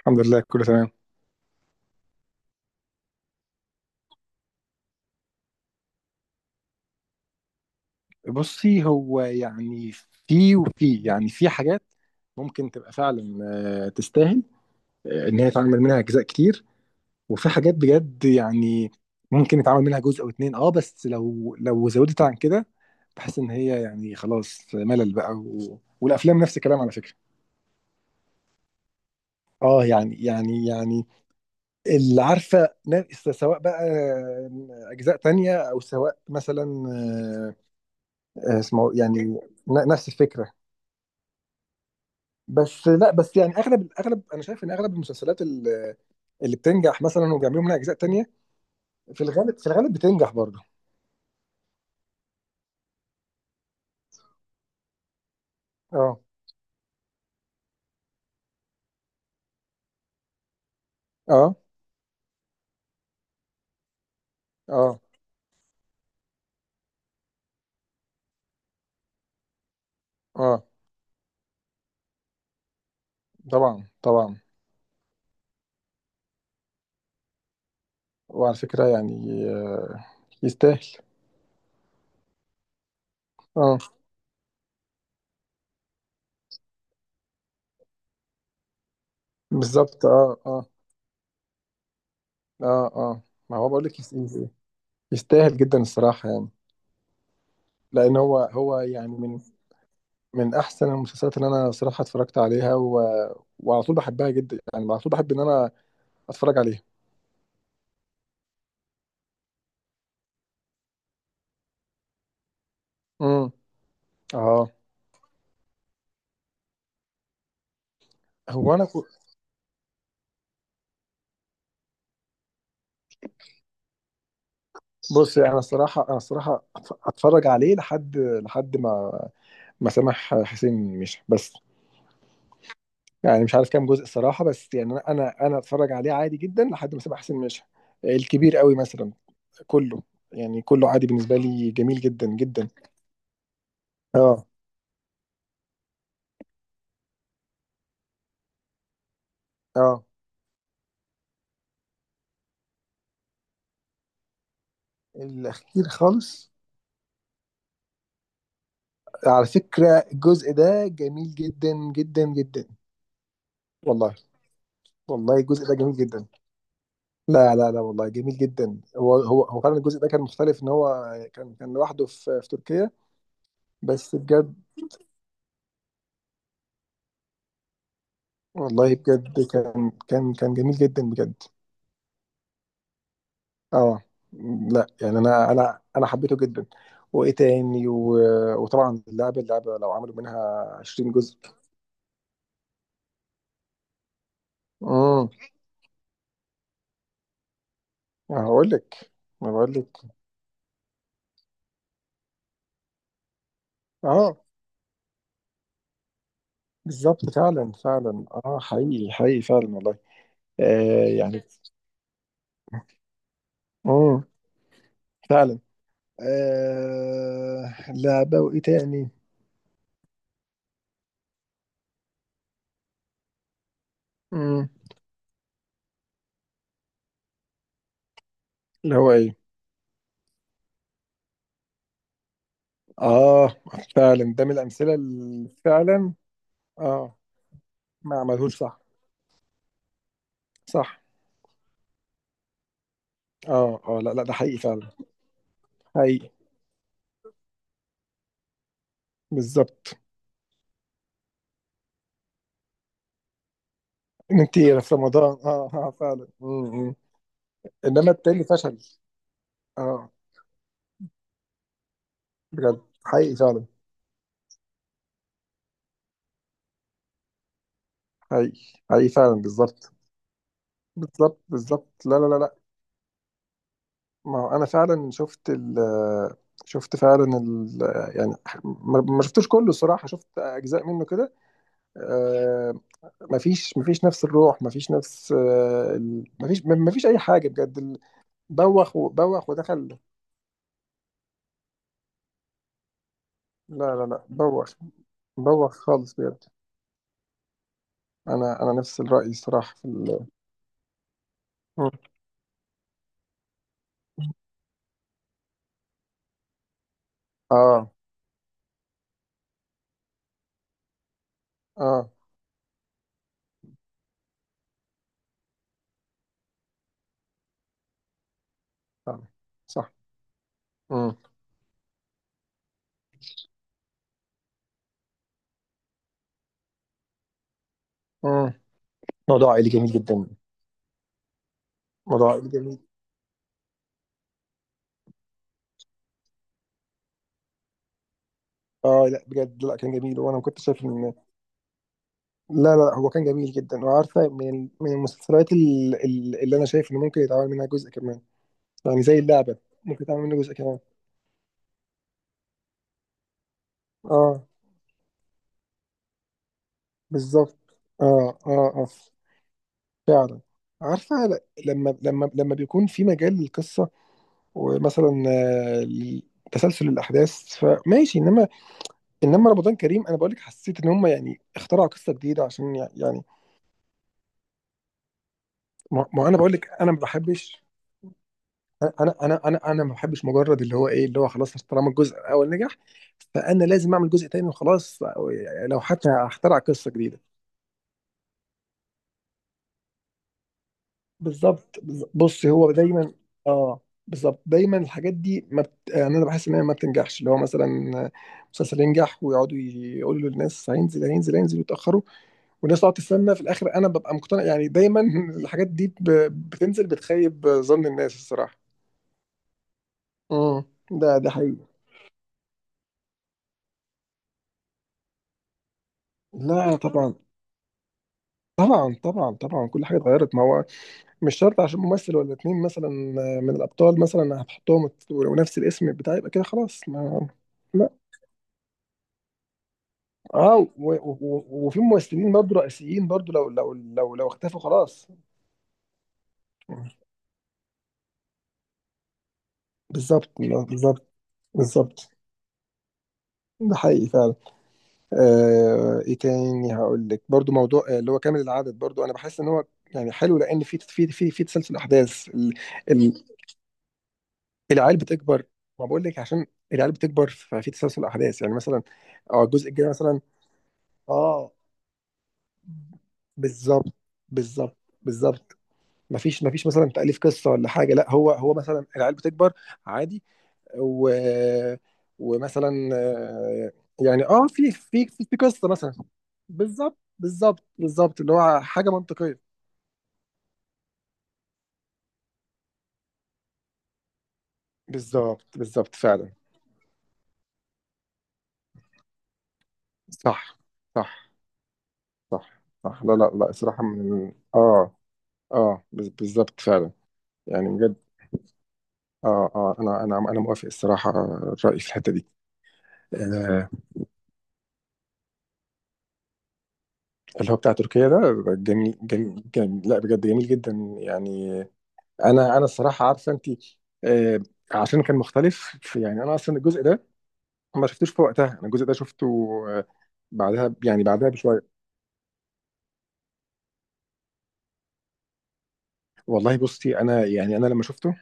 الحمد لله كله تمام. بصي هو يعني في يعني في حاجات ممكن تبقى فعلا، تستاهل، ان هي يتعمل منها اجزاء كتير. وفي حاجات بجد يعني ممكن يتعمل منها جزء او اتنين. اه، بس لو زودت عن كده بحس ان هي يعني خلاص ملل بقى والافلام نفس الكلام على فكرة. اه يعني اللي عارفة، سواء بقى اجزاء تانية او سواء مثلا، اسمه يعني، نفس الفكرة. بس لا بس يعني اغلب انا شايف ان اغلب المسلسلات اللي بتنجح مثلا وبيعملوا منها اجزاء تانية في الغالب بتنجح برضه. اه، اه، اه، اه، طبعا، طبعا. وعلى فكرة يعني يستاهل. اه بالظبط، اه، اه، اه، اه، ما هو بقول لك. يستاهل جدا الصراحة يعني. لأن هو يعني من أحسن المسلسلات اللي أنا صراحة اتفرجت عليها وعلى طول بحبها جدا. يعني على طول بحب إن أنا أتفرج عليها. امم. اه. هو أنا بص انا الصراحه اتفرج عليه لحد ما سامح حسين مشى. بس يعني مش عارف كام جزء الصراحه. بس يعني انا اتفرج عليه عادي جدا لحد ما سامح حسين مشى. الكبير قوي مثلا، كله يعني كله عادي بالنسبه لي جميل جدا جدا. اه، اه، الاخير خالص على فكره، الجزء ده جميل جدا جدا جدا. والله. والله الجزء ده جميل جدا. لا لا لا والله جميل جدا. هو فعلا الجزء ده كان مختلف ان هو كان لوحده في تركيا. بس بجد والله بجد كان جميل جدا بجد. اه، لا يعني انا حبيته جدا. وايه تاني وطبعا اللعبه اللعبه لو عملوا منها 20 جزء. امم. هقول لك. ما بقول لك. اه بالظبط فعلا فعلا. اه حقيقي حقيقي فعلا والله. يعني. امم. فعلا. لعبه وايه تاني. امم. اللي هو ايه؟ اه فعلا ده من الامثله اللي فعلا. اه. ما عملهوش صح. صح. اه، اه، لا لا ده حقيقي فعلا. حقيقي. بالظبط. ان انت في رمضان. اه، اه، فعلا. امم. انما التاني فشل. اه بجد حقيقي فعلا. حقيقي حقيقي فعلا. بالظبط بالظبط بالظبط. لا لا لا لا. ما هو انا فعلا شفت فعلا يعني، ما شفتوش كله الصراحه، شفت اجزاء منه كده. آه، مفيش نفس الروح. مفيش نفس مفيش اي حاجه بجد بوخ وبوخ ودخل. لا لا لا بوخ. بوخ خالص بجد. انا نفس الراي الصراحه في مم. اه، اه، فعلا. صح. امم. امم. موضوع عائلي جميل جدا. موضوع عائلي جميل. اه لا بجد لا كان جميل وانا ما كنت شايف ان... لا لا لا، هو كان جميل جدا. وعارفه من المسلسلات اللي انا شايف ان ممكن يتعمل منها جزء كمان. يعني زي اللعبه، ممكن يتعمل منها جزء كمان. اه بالظبط. اه، اه، اه، فعلا. عارفة لما بيكون في مجال للقصة، ومثلا تسلسل الأحداث فماشي. إنما رمضان كريم أنا بقولك حسيت إن هم يعني اخترعوا قصة جديدة عشان يعني. ما أنا بقولك، أنا ما بحبش. أنا ما بحبش مجرد اللي هو إيه اللي هو خلاص، طالما الجزء الأول نجح فأنا لازم أعمل جزء تاني وخلاص، يعني لو حتى هخترع قصة جديدة. بالظبط. بص هو دايما. اه بالظبط، دايما الحاجات دي ما بت... يعني انا بحس ان هي ما بتنجحش، اللي هو مثلا مسلسل ينجح ويقعدوا يقولوا للناس هينزل هينزل هينزل ويتاخروا والناس تقعد تستنى. في الاخر انا ببقى مقتنع يعني دايما الحاجات دي بتنزل بتخيب ظن الناس الصراحه. امم. ده حقيقي. لا طبعا. طبعا، طبعا، طبعا، كل حاجه اتغيرت ما هو. مش شرط عشان ممثل ولا اتنين مثلا من الابطال مثلا هتحطهم ونفس الاسم بتاعي يبقى كده خلاص ما... اه وفي ممثلين برضه رئيسيين برضه لو اختفوا خلاص. بالظبط. لا، بالظبط. بالظبط. ده حقيقي فعلا. ايه تاني؟ هقول لك برضو موضوع اللي هو كامل العدد. برضو انا بحس ان هو يعني حلو لان في تسلسل احداث ال- العيال بتكبر. ما بقول لك عشان العيال بتكبر ففي تسلسل احداث يعني مثلا. اه الجزء الجاي مثلا. اه بالظبط بالظبط بالظبط. مفيش مفيش مثلا تأليف قصة ولا حاجة، لا هو مثلا العيال بتكبر عادي. و ومثلا يعني في قصة مثلا. بالظبط بالظبط بالظبط، اللي هو حاجة منطقية. بالظبط بالظبط فعلا. صح، صح، صح، صح. لا لا لا الصراحة من اه بالظبط فعلا. يعني بجد. اه، اه، انا موافق الصراحة الرأي في الحتة دي. آه، اللي هو بتاع تركيا ده جميل، جميل, جميل. لا بجد جميل جدا. يعني انا الصراحه عارفه انت، آه عشان كان مختلف، يعني انا اصلا الجزء ده ما شفتوش في وقتها. انا الجزء ده شفته آه، بعدها. يعني بعدها بشويه. والله بصي انا يعني انا لما شفته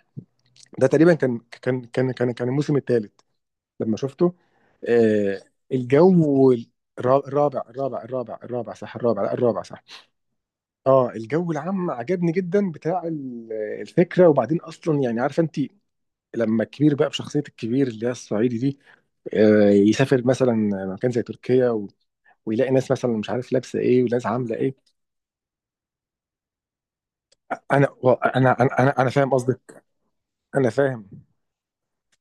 ده تقريبا كان الموسم الثالث. لما شفته، آه الجو، الرابع صح الرابع. لا الرابع صح. اه الجو العام عجبني جدا بتاع الفكره. وبعدين اصلا يعني عارفه انت لما الكبير بقى بشخصية الكبير اللي هي الصعيدي دي يسافر مثلا مكان زي تركيا ويلاقي ناس مثلا مش عارف لابسة ايه وناس عاملة ايه. انا أنا فاهم قصدك. انا فاهم.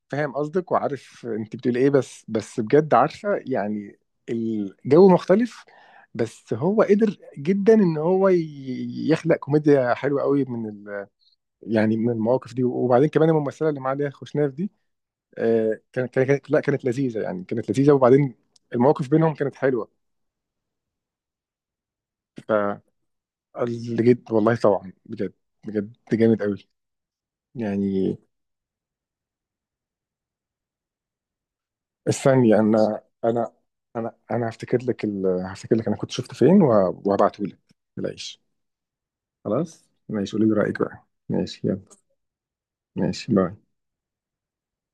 قصدك وعارف انت بتقول ايه. بس بجد عارفة يعني، الجو مختلف. بس هو قدر جدا ان هو يخلق كوميديا حلوة قوي من يعني من المواقف دي. وبعدين كمان الممثلة اللي معاه دي خوشناف دي كانت لا كانت لذيذه. يعني كانت لذيذه. وبعدين المواقف بينهم كانت حلوه. فالجد والله طبعا بجد. بجد جامد قوي يعني. الثانيه انا هفتكر لك هفتكر لك انا كنت شفته فين وهبعته لك. العيش. خلاص ماشي. قولي لي رايك بقى. ماشي يلا. ماشي باي.